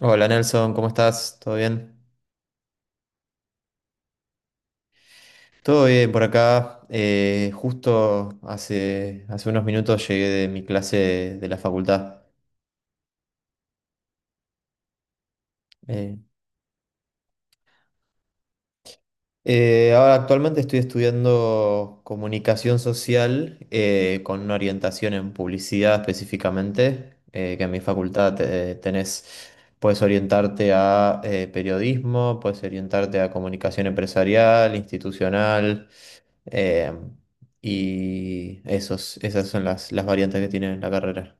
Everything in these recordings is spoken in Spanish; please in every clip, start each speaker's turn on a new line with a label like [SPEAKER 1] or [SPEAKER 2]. [SPEAKER 1] Hola Nelson, ¿cómo estás? ¿Todo bien? Todo bien por acá. Justo hace unos minutos llegué de mi clase de la facultad. Eh, Ahora actualmente estoy estudiando comunicación social con una orientación en publicidad específicamente, que en mi facultad tenés, puedes orientarte a periodismo, puedes orientarte a comunicación empresarial, institucional. Eh, Esas son las variantes que tiene la carrera.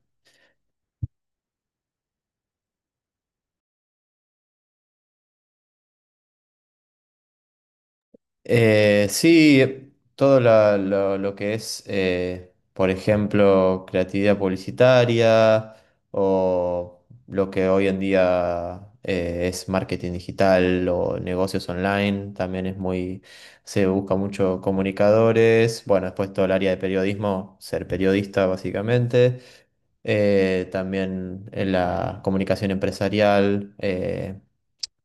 [SPEAKER 1] Sí, todo lo que es, por ejemplo, creatividad publicitaria o lo que hoy en día es marketing digital o negocios online, también es se busca mucho comunicadores. Bueno, después todo el área de periodismo, ser periodista básicamente, también en la comunicación empresarial.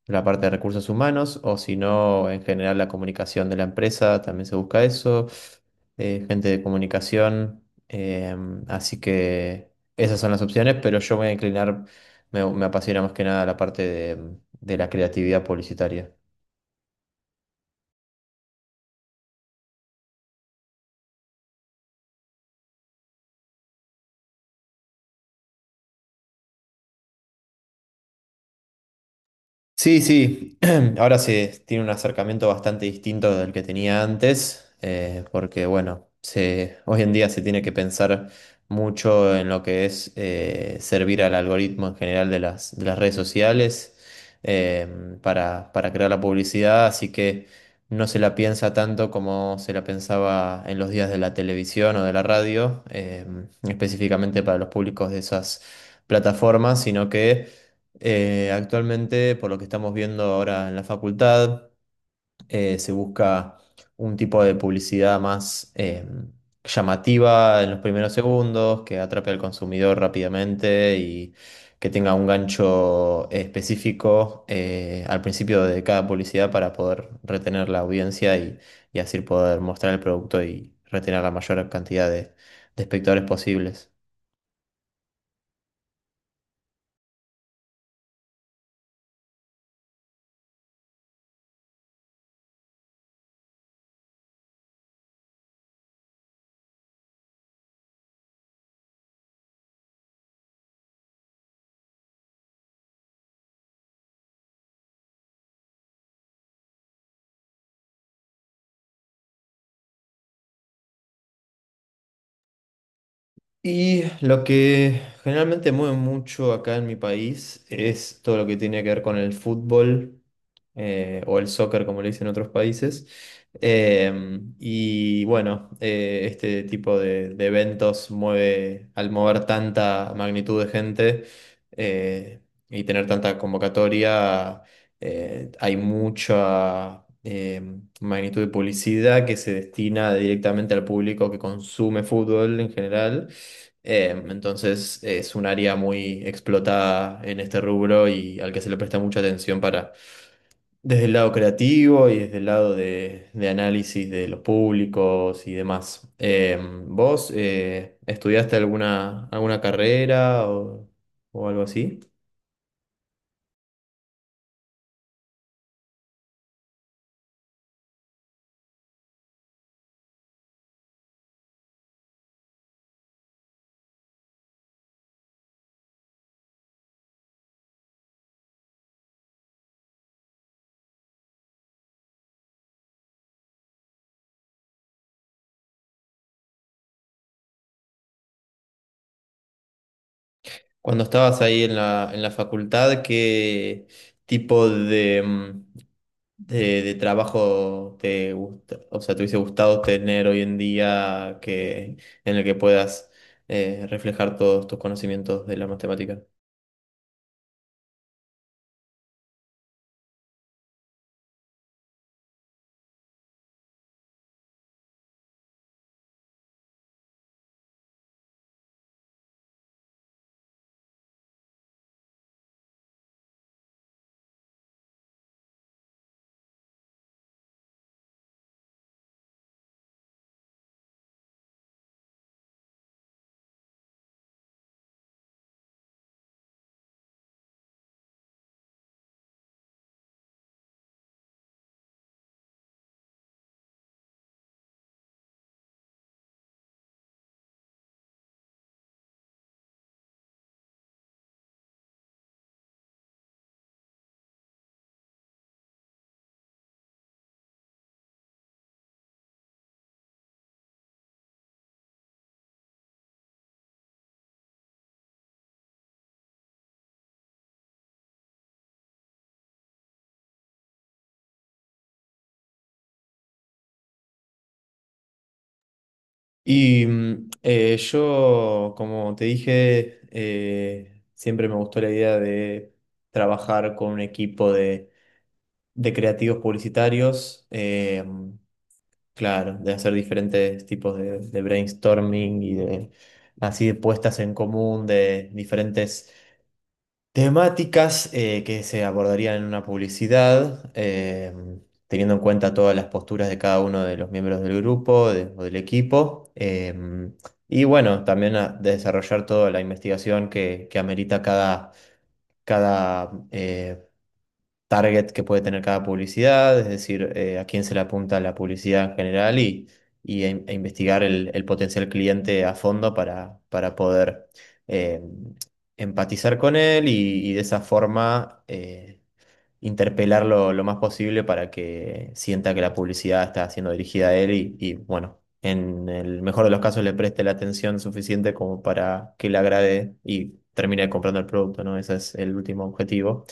[SPEAKER 1] La parte de recursos humanos, o si no, en general la comunicación de la empresa, también se busca eso, gente de comunicación, así que esas son las opciones, pero yo me voy a inclinar, me apasiona más que nada la parte de la creatividad publicitaria. Sí, sí, ahora se tiene un acercamiento bastante distinto del que tenía antes, porque bueno, hoy en día se tiene que pensar mucho en lo que es servir al algoritmo en general de de las redes sociales, eh, para crear la publicidad, así que no se la piensa tanto como se la pensaba en los días de la televisión o de la radio, específicamente para los públicos de esas plataformas, sino que actualmente, por lo que estamos viendo ahora en la facultad, se busca un tipo de publicidad más llamativa en los primeros segundos, que atrape al consumidor rápidamente y que tenga un gancho específico al principio de cada publicidad para poder retener la audiencia, y así poder mostrar el producto y retener la mayor cantidad de espectadores posibles. Y lo que generalmente mueve mucho acá en mi país es todo lo que tiene que ver con el fútbol, o el soccer, como le dicen en otros países. Y bueno, este tipo de eventos mueve, al mover tanta magnitud de gente eh, y tener tanta convocatoria, hay mucha magnitud de publicidad que se destina directamente al público que consume fútbol en general. Entonces es un área muy explotada en este rubro y al que se le presta mucha atención para, desde el lado creativo y desde el lado de análisis de los públicos y demás. ¿Vos estudiaste alguna carrera o algo así? Cuando estabas ahí en en la facultad, ¿qué tipo de, de trabajo te gusta? O sea, ¿te hubiese gustado tener hoy en día en el que puedas reflejar todos tus conocimientos de la matemática? Yo, como te dije, siempre me gustó la idea de trabajar con un equipo de creativos publicitarios. Claro, de hacer diferentes tipos de brainstorming y de, así, de puestas en común de diferentes temáticas que se abordarían en una publicidad, teniendo en cuenta todas las posturas de cada uno de los miembros del grupo de- o del equipo. Y bueno, también desarrollar toda la investigación que amerita cada target que puede tener cada publicidad, es decir, a quién se le apunta la publicidad en general, y a investigar el potencial cliente a fondo para poder eh, empatizar con él, y de esa forma interpelarlo lo más posible para que sienta que la publicidad está siendo dirigida a él, y, bueno, en el mejor de los casos le preste la atención suficiente como para que le agrade y termine comprando el producto, ¿no? Ese es el último objetivo.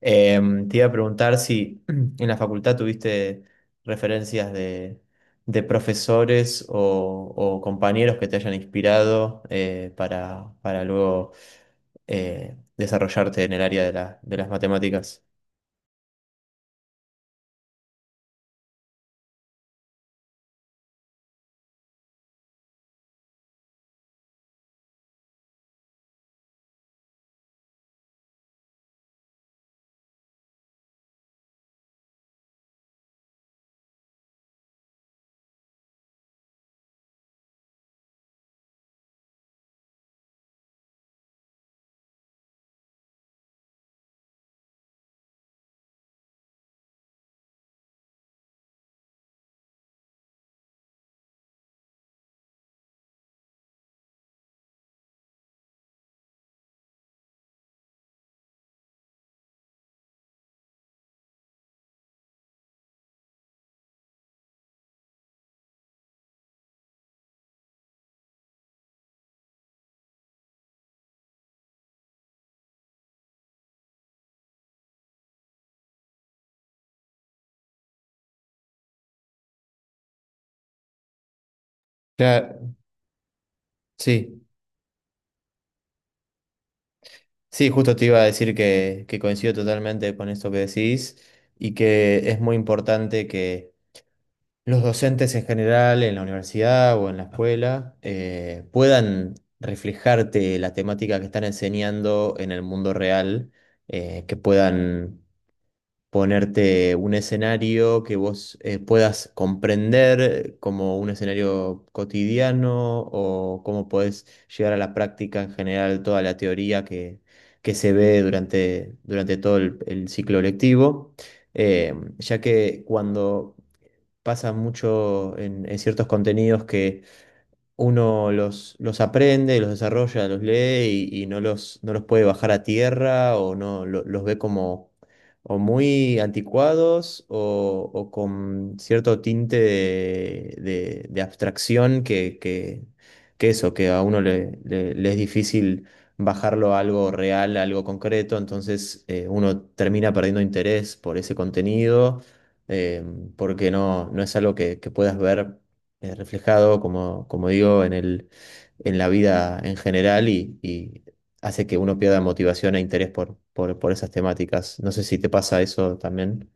[SPEAKER 1] Te iba a preguntar si en la facultad tuviste referencias de profesores o compañeros que te hayan inspirado para luego desarrollarte en el área de de las matemáticas. Claro, sí, sí, justo te iba a decir que coincido totalmente con esto que decís, y que es muy importante que los docentes en general, en la universidad o en la escuela, puedan reflejarte la temática que están enseñando en el mundo real, que puedan ponerte un escenario que vos puedas comprender como un escenario cotidiano, o cómo podés llevar a la práctica en general toda la teoría que se ve durante todo el ciclo lectivo, ya que cuando... pasa mucho en ciertos contenidos que uno los aprende, los desarrolla, los lee y no los puede bajar a tierra, o no los ve como o muy anticuados, o con cierto tinte de abstracción que eso, que a uno le es difícil bajarlo a algo real, a algo concreto. Entonces, uno termina perdiendo interés por ese contenido, eh, porque no, no es algo que puedas ver reflejado, como, como digo, en en la vida en general, y hace que uno pierda motivación e interés por esas temáticas. No sé si te pasa eso también.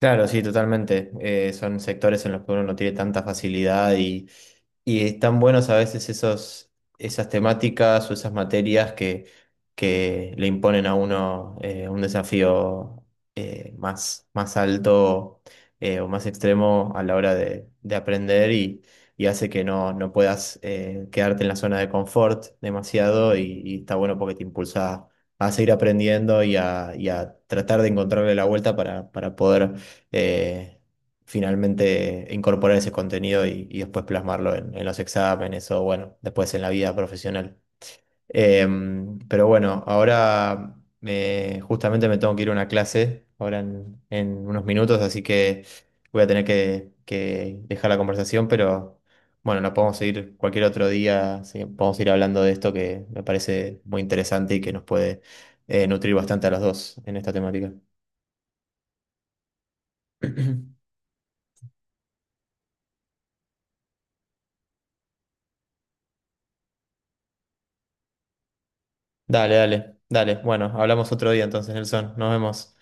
[SPEAKER 1] Claro, sí, totalmente. Son sectores en los que uno no tiene tanta facilidad, y Y están buenos a veces esos, esas temáticas o esas materias que le imponen a uno un desafío eh, más alto, o más extremo a la hora de aprender, y hace que no, no puedas quedarte en la zona de confort demasiado, y está bueno porque te impulsa a seguir aprendiendo, y a tratar de encontrarle la vuelta para poder... eh, finalmente incorporar ese contenido, y después plasmarlo en los exámenes o, bueno, después en la vida profesional. Pero bueno, ahora justamente me tengo que ir a una clase ahora en unos minutos, así que voy a tener que dejar la conversación, pero bueno, la podemos seguir cualquier otro día. Sí, podemos ir hablando de esto que me parece muy interesante y que nos puede nutrir bastante a los dos en esta temática. Dale, dale, dale. Bueno, hablamos otro día entonces, Nelson. Nos vemos.